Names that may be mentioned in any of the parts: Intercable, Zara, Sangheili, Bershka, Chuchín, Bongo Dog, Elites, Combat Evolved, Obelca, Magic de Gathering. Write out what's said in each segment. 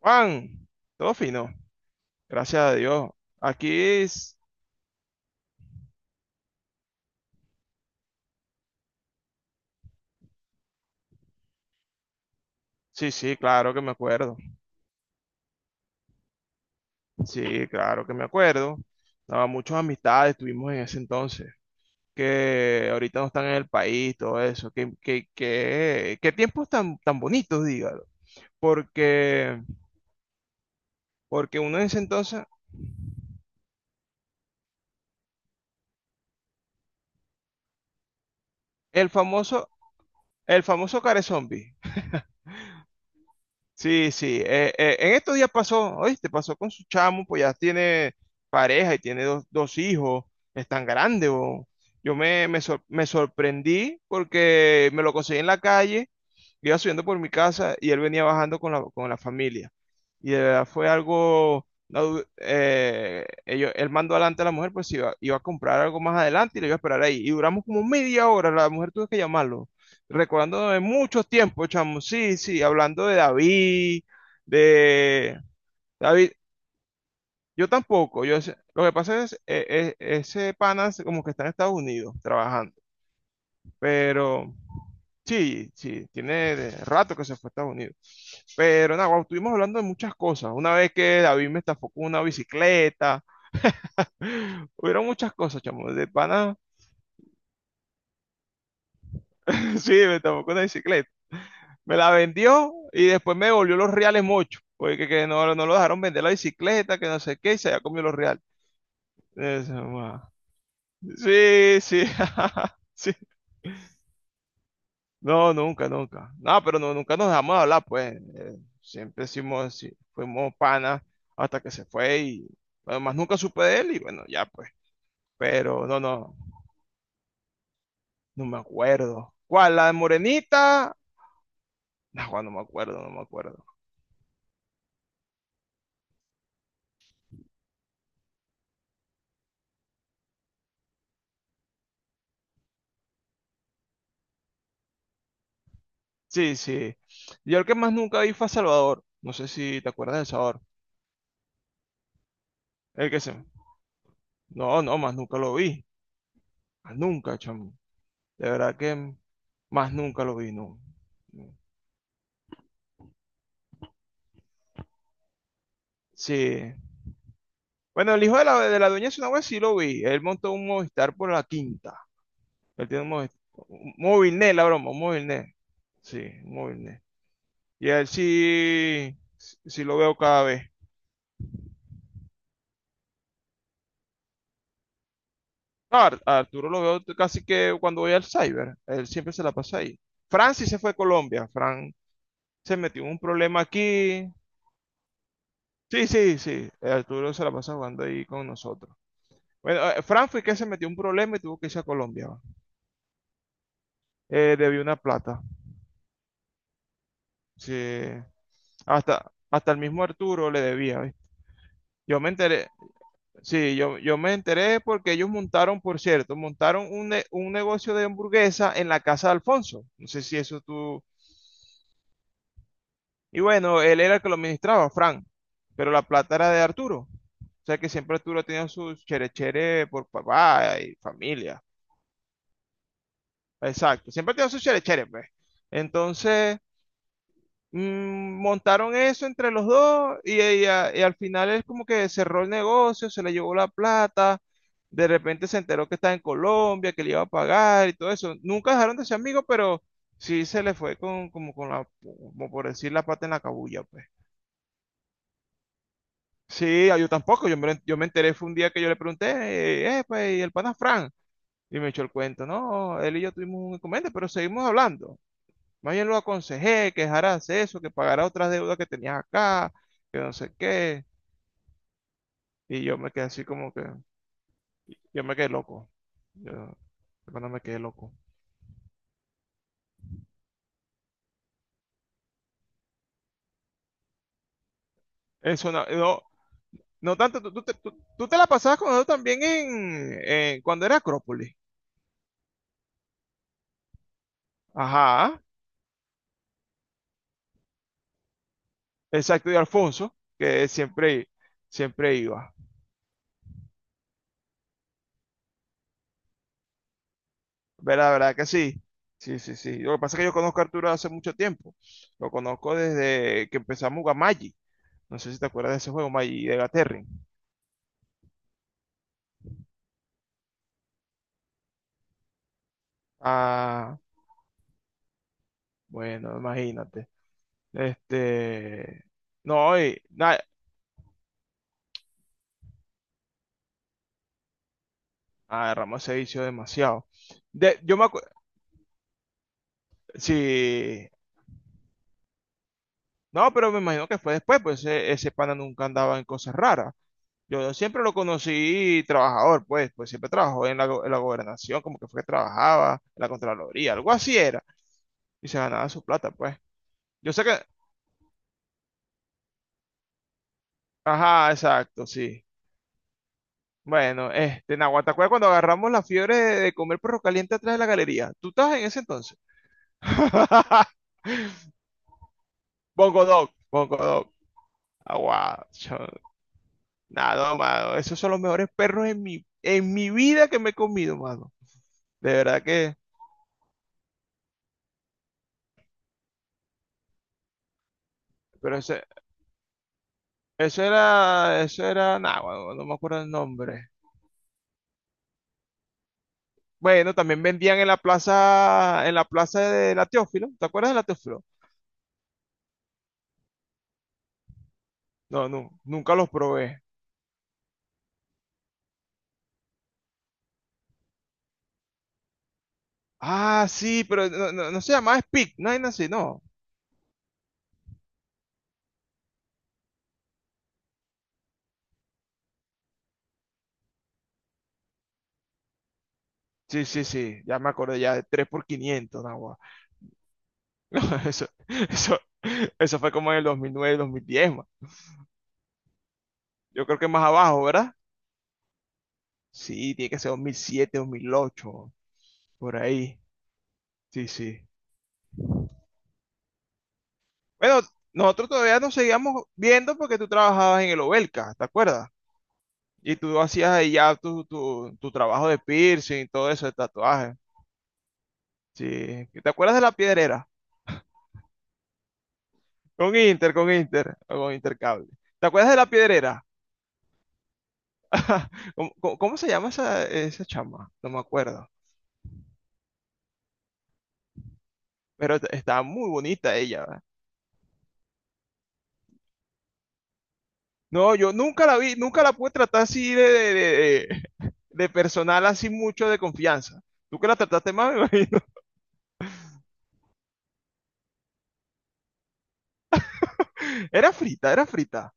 Juan, todo fino, gracias a Dios. Aquí, sí, sí, claro que me acuerdo. Sí, claro que me acuerdo. No, muchas amistades tuvimos en ese entonces, que ahorita no están en el país, todo eso. Qué tiempos tan bonitos, dígalo. Porque, porque uno en ese entonces, el famoso, el famoso care zombie. Sí, sí. En estos días pasó, oíste, pasó con su chamo, pues ya tiene pareja y tiene dos hijos, es tan grande, bo. Yo me sorprendí porque me lo conseguí en la calle, iba subiendo por mi casa y él venía bajando con la familia. Y de verdad fue algo. No, él mandó adelante a la mujer, pues iba a comprar algo más adelante y le iba a esperar ahí. Y duramos como media hora, la mujer tuvo que llamarlo recordándome de muchos tiempos, chamo. Sí, sí, hablando de David, de David. Yo tampoco, lo que pasa es, ese pana es como que está en Estados Unidos trabajando, pero sí, sí, tiene rato que se fue a Estados Unidos. Pero nada, guau, estuvimos hablando de muchas cosas. Una vez que David me estafó con una bicicleta, hubieron muchas cosas, chamo, de pana, sí, me estafó con una bicicleta. Me la vendió y después me devolvió los reales mucho, porque que no lo dejaron vender la bicicleta, que no sé qué, y se había comido los reales. Eso, ma. Sí, sí, sí. No, nunca, nunca. No, pero no, nunca nos dejamos de hablar, pues. Siempre hicimos, sí, fuimos panas hasta que se fue y además nunca supe de él y bueno, ya pues. Pero no, no, no me acuerdo. ¿Cuál? ¿La de Morenita? No, no me acuerdo, no me acuerdo. Sí, sí. Yo el que más nunca vi fue a Salvador. No sé si te acuerdas de Salvador. El que se. No, no, más nunca lo vi. Más nunca, chamo. De verdad que más nunca lo vi, no. No. Sí. Bueno, el hijo de la dueña de Sunagua sí lo vi. Él montó un Movistar por la quinta. Él tiene un Movistar. Un Movilnet, la broma, un Movilnet. Sí, un Movilnet. Y a él sí, sí sí lo veo cada vez. No, Arturo lo veo casi que cuando voy al cyber, él siempre se la pasa ahí. Fran sí se fue a Colombia, Fran se metió en un problema aquí. Sí, sí, sí, Arturo se la pasa jugando ahí con nosotros. Bueno, Fran fue que se metió en un problema y tuvo que irse a Colombia. Va. Debió una plata. Sí, hasta el mismo Arturo le debía. ¿Ves? Yo me enteré, sí, yo me enteré porque ellos montaron, por cierto, montaron un negocio de hamburguesa en la casa de Alfonso. No sé si eso tú. Y bueno, él era el que lo administraba, Frank, pero la plata era de Arturo. O sea que siempre Arturo tenía sus cherechere por papá y familia. Exacto, siempre tenía sus cherechere, pues. Entonces, montaron eso entre los dos y al final es como que cerró el negocio, se le llevó la plata, de repente se enteró que estaba en Colombia, que le iba a pagar y todo eso. Nunca dejaron de ser amigos, pero sí se le fue con, como con la, como por decir la pata en la cabulla, pues. Sí, ah, yo tampoco, yo me enteré, fue un día que yo le pregunté, pues, ¿y el pana Fran? Y me echó el cuento, no, él y yo tuvimos un inconveniente, pero seguimos hablando. Más bien lo aconsejé, que dejara de hacer eso, que pagara otras deudas que tenías acá, que no sé qué. Y yo me quedé así como que, yo me quedé loco. Yo, cuando me quedé loco. Eso no, no, no tanto, tú te la pasabas con él también cuando era Acrópolis. Ajá, exacto, y Alfonso, que siempre iba. ¿Verdad, verdad que sí? Sí, sí, sí. Lo que pasa es que yo conozco a Arturo hace mucho tiempo. Lo conozco desde que empezamos a jugar Magic. No sé si te acuerdas de ese juego, Magic de Gathering. Ah, bueno, imagínate. Este. No, y nada. Ah, Ramos se vició demasiado. De, yo me acuerdo. Sí. No, pero me imagino que fue después, pues ese pana nunca andaba en cosas raras. Yo siempre lo conocí trabajador, pues siempre trabajó en la gobernación, como que fue que trabajaba, en la Contraloría, algo así era. Y se ganaba su plata, pues. Yo sé que, ajá, exacto, sí. Bueno, este, Nahuatl, ¿te acuerdas cuando agarramos la fiebre de comer perro caliente atrás de la galería? ¿Tú estabas en ese entonces? Bongo Dog, Bongo Dog. Agua, nada, no, mano. Esos son los mejores perros en mi vida que me he comido, mano. De verdad que, pero ese, eso era, nada, mano, no me acuerdo el nombre. Bueno, también vendían en la plaza de la Teófilo. ¿Te acuerdas de la Teófilo? No, no, nunca los probé. Ah, sí, pero no, no, no se llamaba Speak, no hay así, no. Sí, sí, sí, ya me acordé ya de 3 por 500, no, No, eso, eso, eso fue como en el 2009, 2010, ma. Yo creo que más abajo, ¿verdad? Sí, tiene que ser 2007, 2008, por ahí. Sí, sí. Bueno, nosotros todavía nos seguíamos viendo porque tú trabajabas en el Obelca, ¿te acuerdas? Y tú hacías ahí ya tu trabajo de piercing y todo eso, de tatuaje. Sí. ¿Te acuerdas de la piedrera? Con Inter, o con Intercable. ¿Te acuerdas de la piedrera? ¿Cómo se llama esa chama? No me acuerdo. Pero estaba muy bonita ella, ¿verdad? No, yo nunca la vi, nunca la pude tratar así de personal, así mucho de confianza. Tú que la trataste más, me imagino. Era frita, era frita.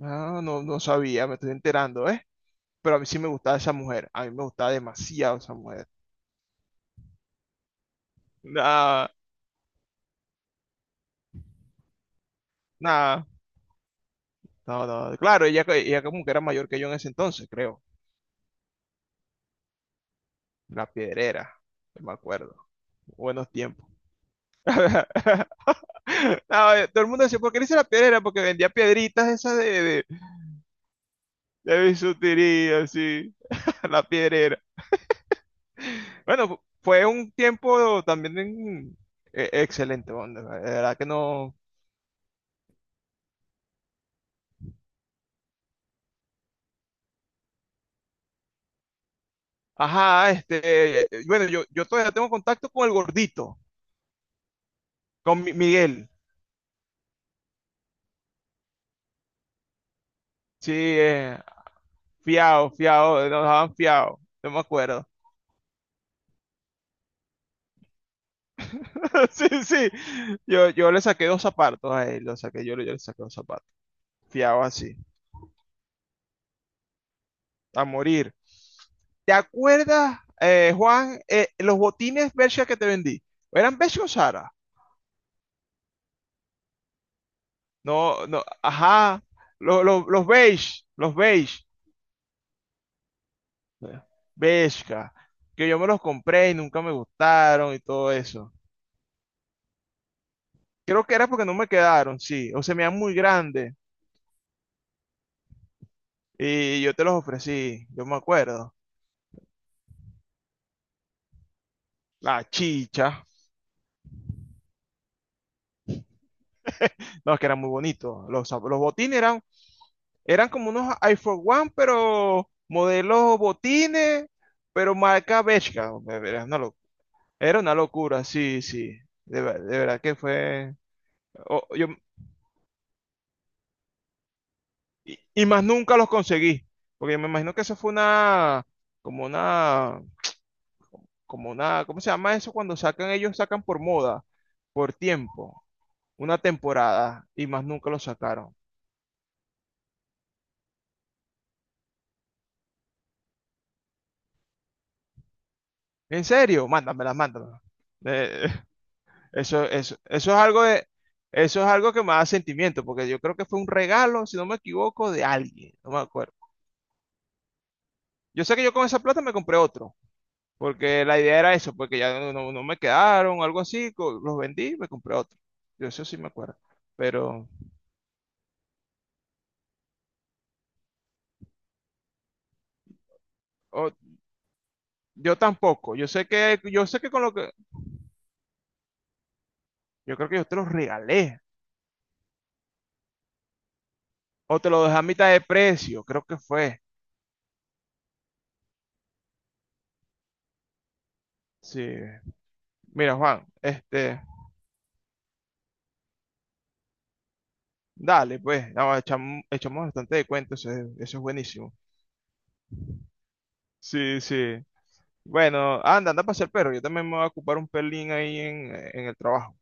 Ah, no, no sabía, me estoy enterando, ¿eh? Pero a mí sí me gustaba esa mujer. A mí me gustaba demasiado esa mujer. Nada, nada. No, no. Claro, ella como que era mayor que yo en ese entonces, creo. La Piedrera, no me acuerdo. Buenos tiempos. No, todo el mundo decía, ¿por qué le dice la piedrera? Porque vendía piedritas esas de bisutería, así. La piedrera. Bueno, fue un tiempo también excelente, bueno, de verdad que no. Ajá, este, bueno, yo todavía tengo contacto con el gordito, con Miguel. Sí, fiao, fiao, nos daban fiao, no me acuerdo. Sí, sí. Yo le saqué dos zapatos a él, lo saqué, yo le saqué dos zapatos. Fiado así, a morir. ¿Te acuerdas, Juan, los botines Bershka que te vendí? ¿Eran beige o Zara? No, no, ajá. Los beige, los beige. Bershka. Que yo me los compré y nunca me gustaron y todo eso. Creo que era porque no me quedaron, sí. O se me dan muy grandes. Y yo te los ofrecí, yo me acuerdo. La chicha. No, es que eran muy bonitos. Los botines eran como unos iPhone One, pero modelos botines, pero marca Bershka. Era una locura, sí, sí. De verdad que fue. o- yo, y más nunca los conseguí. Porque me imagino que eso fue una. Como una. Como una. ¿Cómo se llama eso? Cuando sacan, ellos sacan por moda, por tiempo, una temporada, y más nunca los sacaron. ¿En serio? Mándamela, mándamela. Eh, Eso, eso, eso es algo de, eso es algo que me da sentimiento, porque yo creo que fue un regalo, si no me equivoco, de alguien, no me acuerdo. Yo sé que yo con esa plata me compré otro, porque la idea era eso, porque ya no me quedaron, algo así, los vendí y me compré otro. Yo eso sí me acuerdo, pero o- yo tampoco. Yo sé que Yo creo que yo te los regalé, o te lo dejé a mitad de precio, creo que fue. Sí, mira Juan, este, dale, pues, no, echamos bastante de cuentos, eso es buenísimo. Sí, sí. Bueno, anda, anda a pasear el perro. Yo también me voy a ocupar un pelín ahí en el trabajo.